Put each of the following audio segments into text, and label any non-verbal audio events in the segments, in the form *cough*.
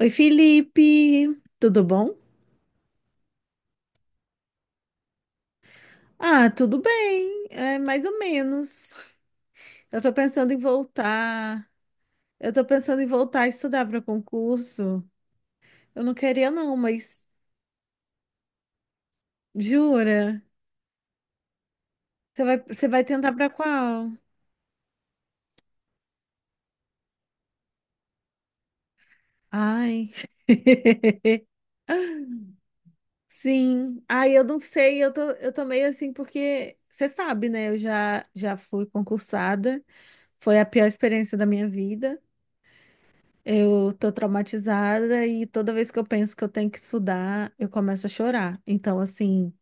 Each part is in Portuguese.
Oi, Felipe, tudo bom? Ah, tudo bem, é mais ou menos. Eu tô pensando em voltar. Eu tô pensando em voltar a estudar para concurso. Eu não queria não, mas jura? Você vai tentar para qual? Ai. *laughs* Sim. Ai, eu não sei, eu tô meio assim porque você sabe, né? Eu já fui concursada. Foi a pior experiência da minha vida. Eu tô traumatizada e toda vez que eu penso que eu tenho que estudar, eu começo a chorar. Então, assim,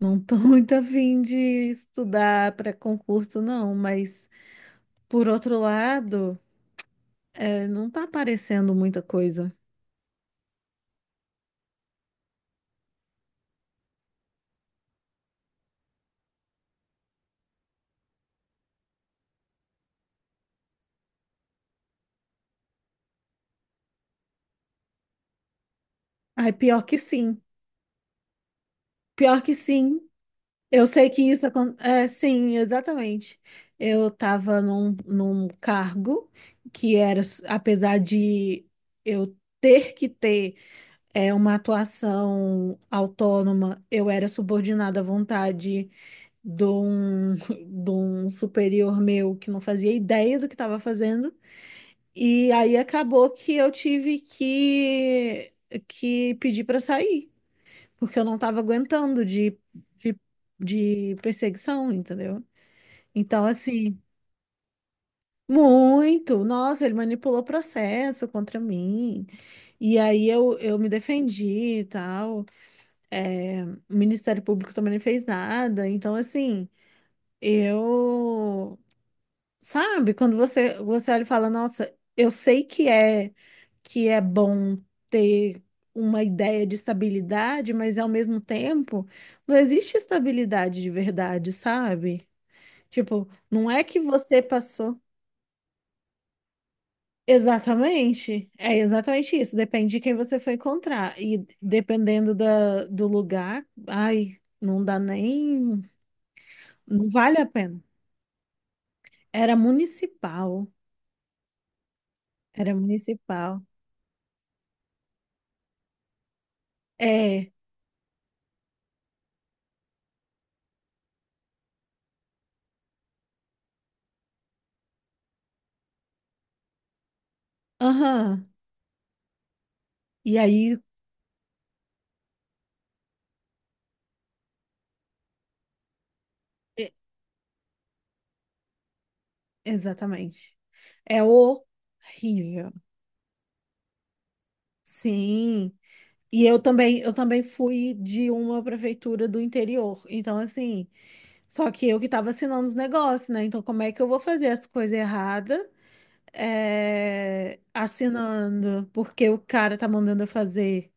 não tô *laughs* muito afim de estudar para concurso, não. Mas, por outro lado, não tá aparecendo muita coisa. Ai, pior que sim. Pior que sim. Eu sei que isso acontece. Sim, exatamente. Eu tava num cargo que era, apesar de eu ter que ter. É uma atuação autônoma, eu era subordinada à vontade de um, *laughs* de um superior meu que não fazia ideia do que estava fazendo. E aí acabou que eu tive que pedir para sair, porque eu não estava aguentando de, de perseguição, entendeu? Então, assim, muito, nossa, ele manipulou o processo contra mim. E aí eu me defendi e tal. É, o Ministério Público também não fez nada. Então, assim, eu. Sabe, quando você olha e fala, nossa, eu sei que que é bom ter uma ideia de estabilidade, mas ao mesmo tempo, não existe estabilidade de verdade, sabe? Tipo, não é que você passou. Exatamente, é exatamente isso. Depende de quem você for encontrar. E dependendo do lugar, ai, não dá nem. Não vale a pena. Era municipal. Era municipal. É. Aham. E aí, e- exatamente. É horrível. Sim. E eu também fui de uma prefeitura do interior. Então, assim, só que eu que estava assinando os negócios, né? Então, como é que eu vou fazer as coisas erradas? É, assinando, porque o cara tá mandando eu fazer.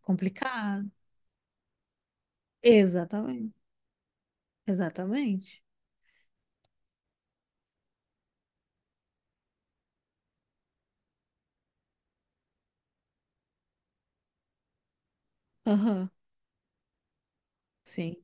Complicado. Exatamente. Exatamente. Aham. Sim.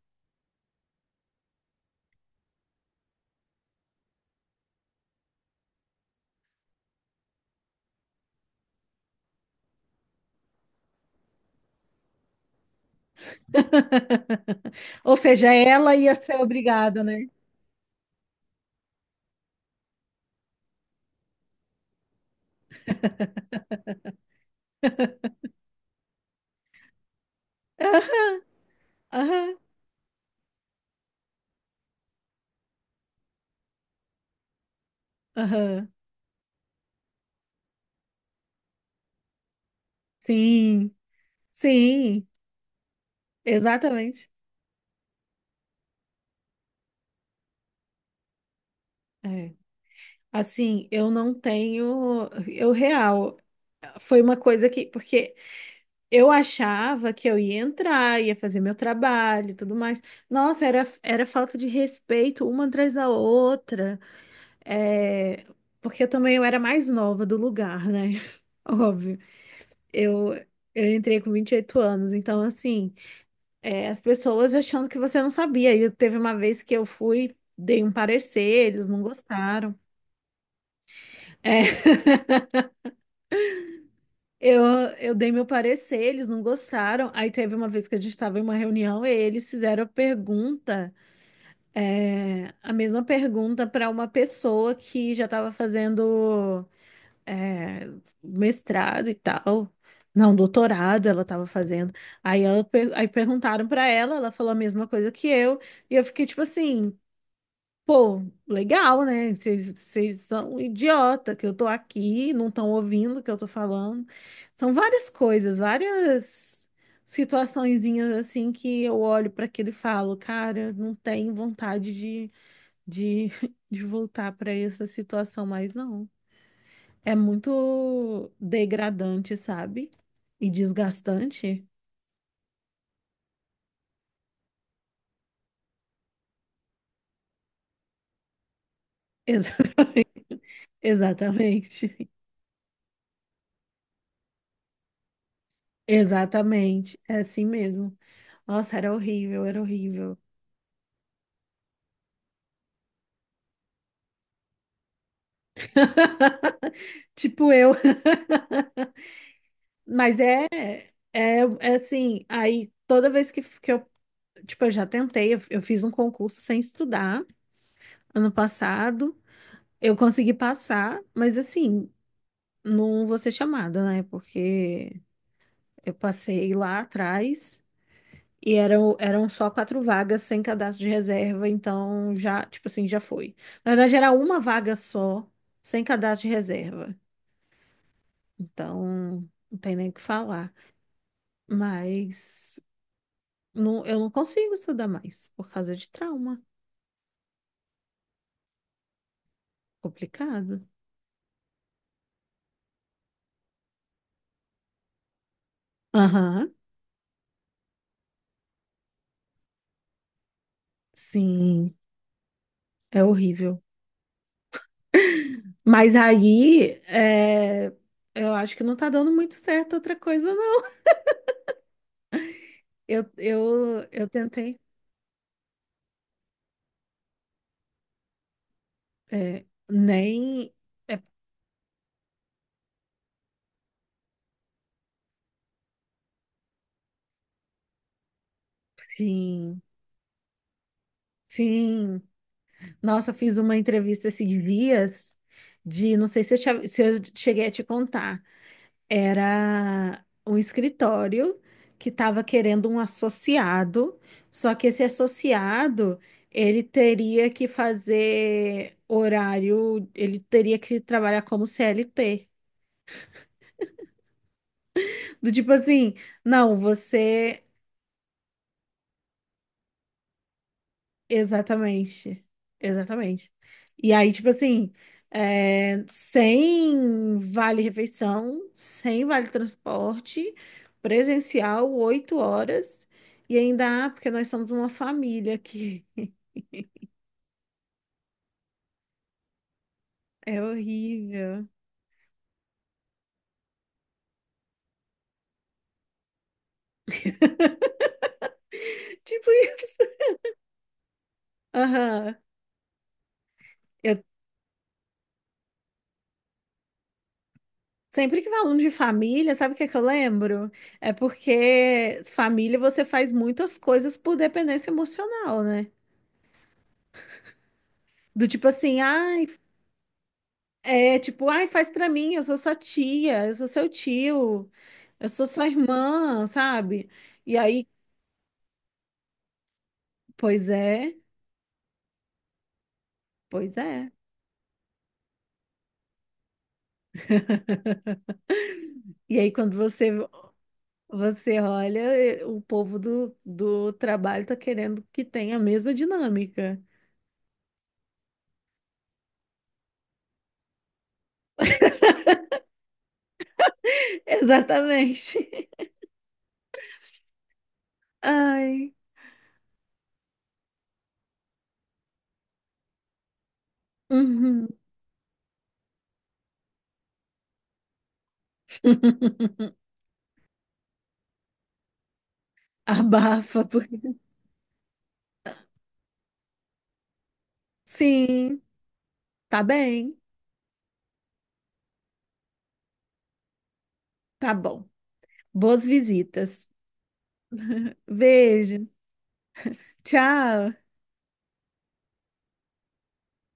*laughs* Ou seja, ela ia ser obrigada, né? *laughs* Aham, aham. Sim, sim, exatamente. É. Assim, eu não tenho. Eu real. Foi uma coisa que. Porque eu achava que eu ia entrar, ia fazer meu trabalho e tudo mais. Nossa, era falta de respeito uma atrás da outra. É, porque eu era mais nova do lugar, né? *laughs* Óbvio. Eu, eu entrei com 28 anos, então assim, é, as pessoas achando que você não sabia. E teve uma vez que eu fui, dei um parecer, eles não gostaram. É, *laughs* eu, eu dei meu parecer, eles não gostaram. Aí teve uma vez que a gente estava em uma reunião e eles fizeram a pergunta, é, a mesma pergunta para uma pessoa que já estava fazendo. É, mestrado e tal. Não, doutorado ela estava fazendo. Aí, aí perguntaram para ela, ela falou a mesma coisa que eu. E eu fiquei tipo assim, pô, legal, né? Vocês são idiota que eu tô aqui, não estão ouvindo o que eu tô falando. São várias coisas, várias situaçõezinhas assim que eu olho para aquilo e falo, cara, não tenho vontade de, *laughs* de voltar para essa situação mais não. É muito degradante, sabe? E desgastante. Exatamente. *laughs* Exatamente. Exatamente. É assim mesmo. Nossa, era horrível, era horrível. *laughs* Tipo eu. Mas é, é assim, aí toda vez que eu, tipo, eu já tentei, eu fiz um concurso sem estudar ano passado. Eu consegui passar, mas assim, não vou ser chamada, né? Porque eu passei lá atrás. E eram só quatro vagas sem cadastro de reserva, então já, tipo assim, já foi. Na verdade, era uma vaga só, sem cadastro de reserva. Então, não tem nem o que falar. Mas não, eu não consigo estudar mais por causa de trauma. Complicado. Aham, sim, é horrível. Mas aí, é, eu acho que não tá dando muito certo outra coisa, não. Eu tentei, é, nem, sim. Sim, nossa, eu fiz uma entrevista esses dias de, não sei se se eu cheguei a te contar, era um escritório que estava querendo um associado, só que esse associado, ele teria que fazer horário, ele teria que trabalhar como CLT. Do tipo assim, não, você. Exatamente. Exatamente. E aí, tipo assim, é, sem vale-refeição, sem vale-transporte, presencial, oito horas. E ainda, ah, porque nós somos uma família aqui. *laughs* É horrível. Tipo isso. Aham. Eu sempre que falo de família, sabe o que é que eu lembro? É porque família você faz muitas coisas por dependência emocional, né? Do tipo assim, ai, é tipo, ai, faz pra mim, eu sou sua tia, eu sou seu tio, eu sou sua irmã, sabe? E aí, pois é, pois é. E aí, quando você olha, eh, o povo do trabalho tá querendo que tenha a mesma dinâmica. *laughs* Exatamente. Ai. Uhum. *laughs* Abafa, porque. Sim, tá bem, tá bom. Boas visitas. Beijo. Tchau.